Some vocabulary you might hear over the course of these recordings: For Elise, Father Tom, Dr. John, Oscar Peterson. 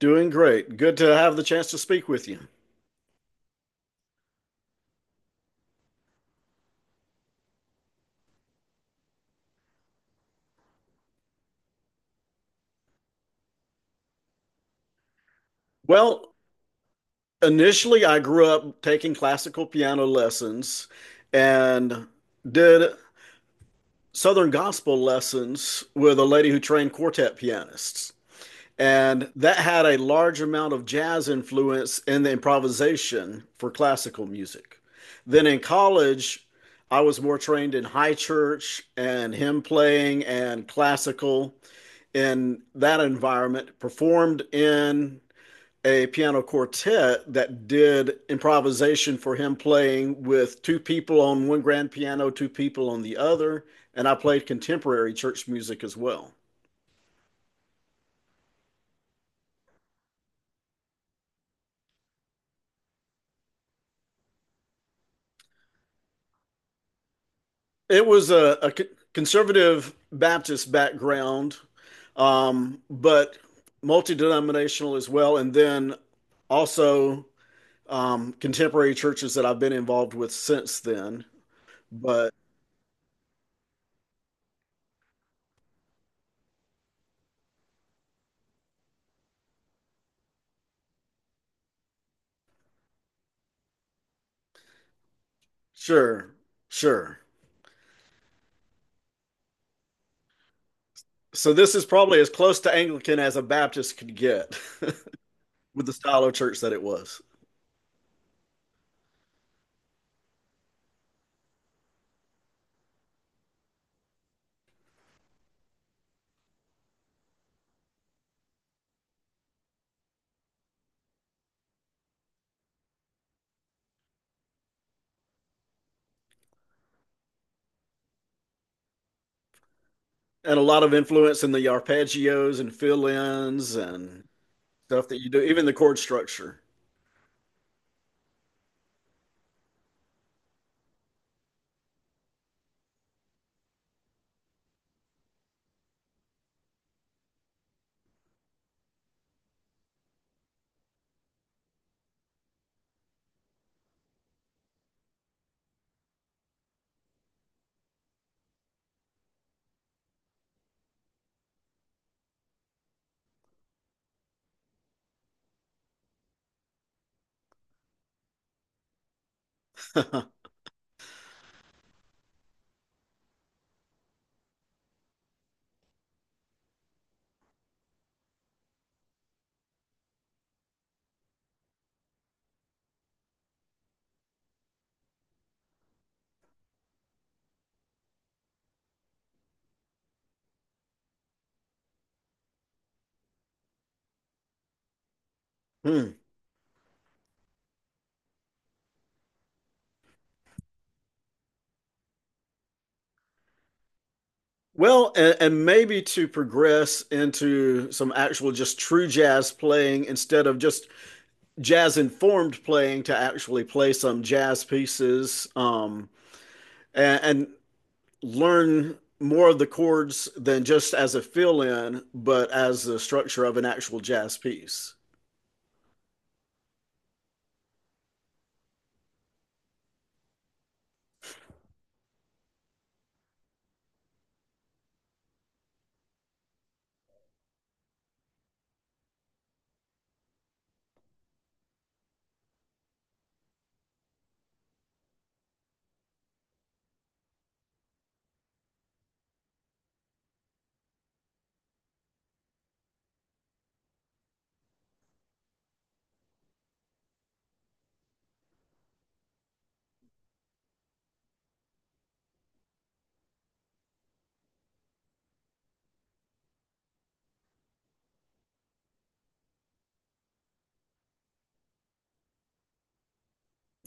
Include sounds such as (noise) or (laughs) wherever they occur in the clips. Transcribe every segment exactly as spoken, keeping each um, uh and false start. Doing great. Good to have the chance to speak with you. Well, initially, I grew up taking classical piano lessons and did Southern gospel lessons with a lady who trained quartet pianists. And that had a large amount of jazz influence in the improvisation for classical music. Then in college, I was more trained in high church and hymn playing and classical in that environment, performed in a piano quartet that did improvisation for him playing with two people on one grand piano, two people on the other, and I played contemporary church music as well. It was a, a conservative Baptist background, um, but multi denominational as well, and then also um, contemporary churches that I've been involved with since then. But sure, sure. So this is probably as close to Anglican as a Baptist could get (laughs) with the style of church that it was. And a lot of influence in the arpeggios and fill ins and stuff that you do, even the chord structure. (laughs) Hmm. Well, and, and maybe to progress into some actual just true jazz playing instead of just jazz informed playing to actually play some jazz pieces. Um, and, and learn more of the chords than just as a fill-in, but as the structure of an actual jazz piece.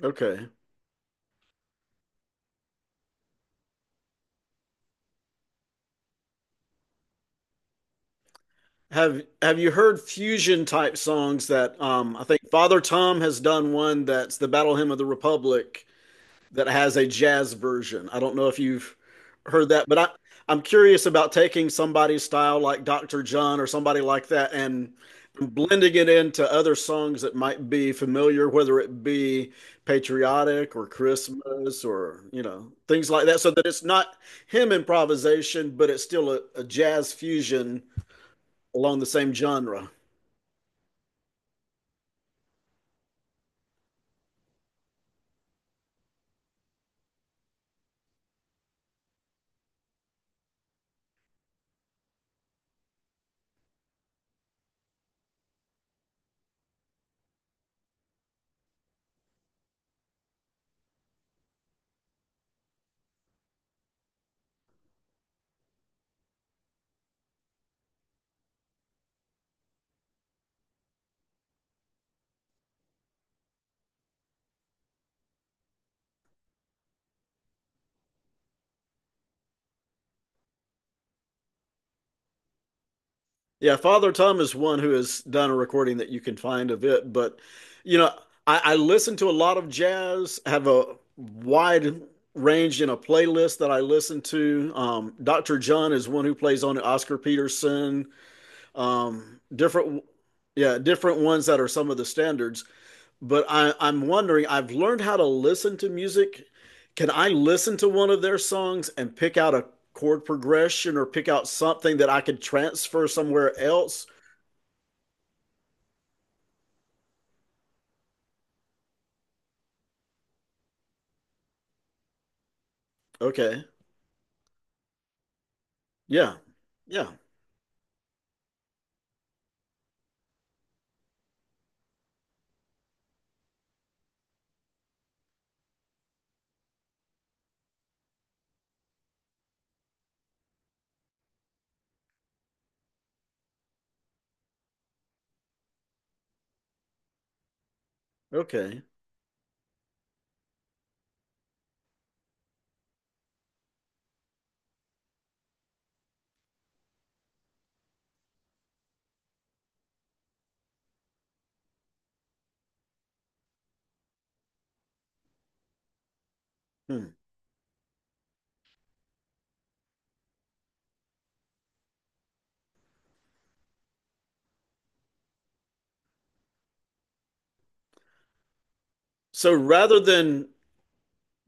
Okay. Have have you heard fusion type songs that um I think Father Tom has done one that's the Battle Hymn of the Republic that has a jazz version? I don't know if you've heard that, but I, I'm curious about taking somebody's style like doctor John or somebody like that and blending it into other songs that might be familiar, whether it be patriotic or Christmas or, you know, things like that, so that it's not him improvisation, but it's still a, a jazz fusion along the same genre. Yeah, Father Tom is one who has done a recording that you can find of it. But, you know, I, I listen to a lot of jazz, have a wide range in a playlist that I listen to. Um, doctor John is one who plays on it, Oscar Peterson, um, different, yeah, different ones that are some of the standards. But I, I'm wondering, I've learned how to listen to music. Can I listen to one of their songs and pick out a chord progression or pick out something that I could transfer somewhere else? Okay. Yeah. Yeah. Okay. Hmm. So rather than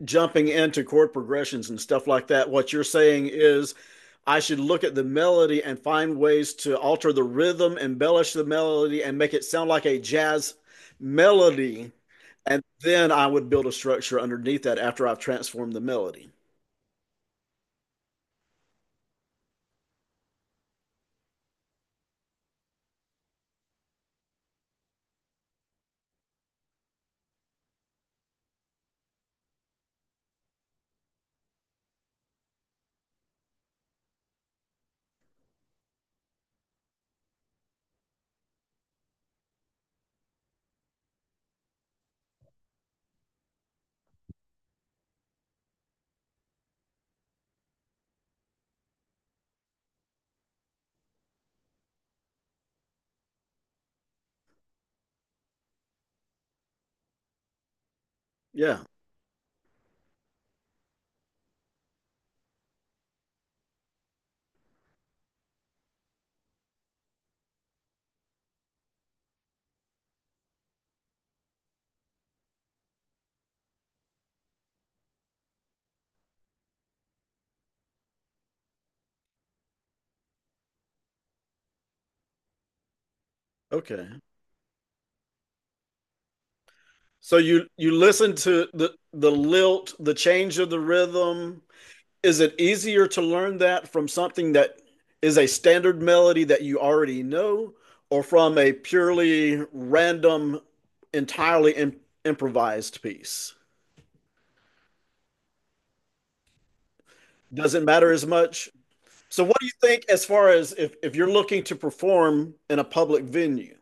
jumping into chord progressions and stuff like that, what you're saying is I should look at the melody and find ways to alter the rhythm, embellish the melody, and make it sound like a jazz melody. And then I would build a structure underneath that after I've transformed the melody. Yeah. Okay. So you you listen to the the lilt, the change of the rhythm. Is it easier to learn that from something that is a standard melody that you already know, or from a purely random, entirely im- improvised piece? Doesn't matter as much. So, what do you think as far as, if, if you're looking to perform in a public venue,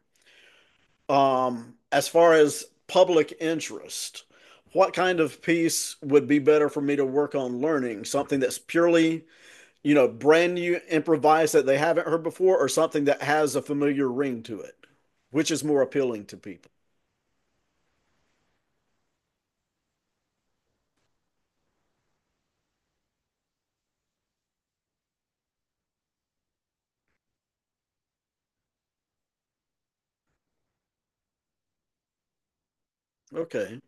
um, as far as public interest? What kind of piece would be better for me to work on learning? Something that's purely, you know, brand new improvised that they haven't heard before, or something that has a familiar ring to it, which is more appealing to people? Okay,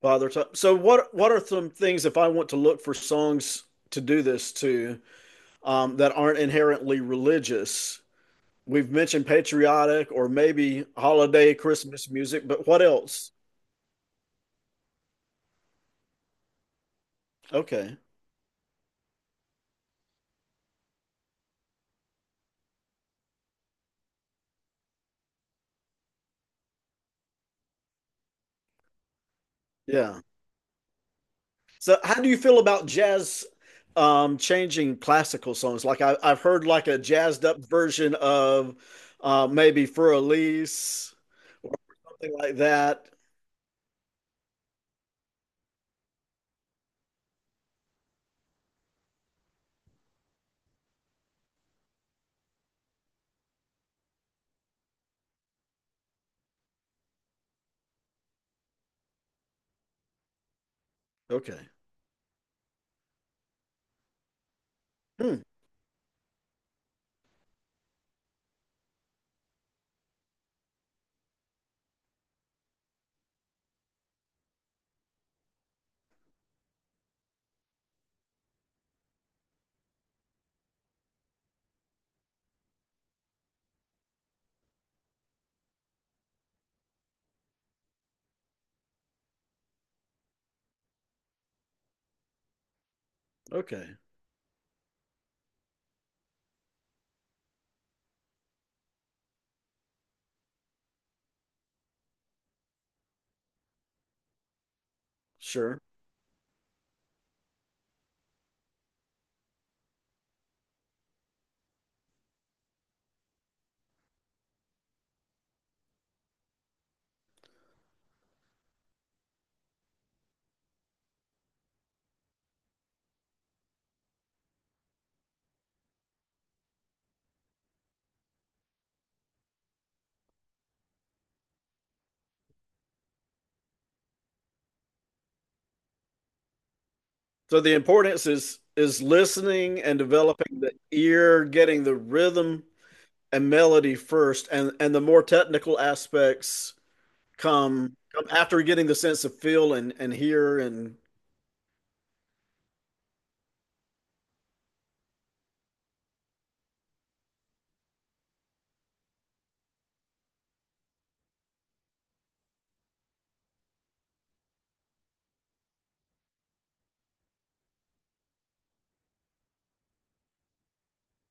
Father Time. So, what what are some things if I want to look for songs to do this to, um, that aren't inherently religious? We've mentioned patriotic or maybe holiday Christmas music, but what else? Okay, yeah. So, how do you feel about jazz, um, changing classical songs? Like I, I've heard like a jazzed up version of, uh, maybe For Elise or something like that. Okay. Hmm. Okay. Sure. So the importance is is listening and developing the ear, getting the rhythm and melody first, and and the more technical aspects come come after getting the sense of feel and and hear and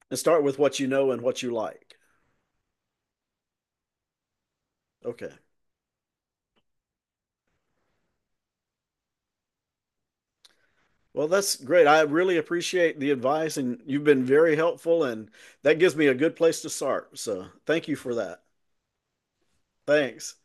and start with what you know and what you like. Okay. Well, that's great. I really appreciate the advice, and you've been very helpful, and that gives me a good place to start. So, thank you for that. Thanks.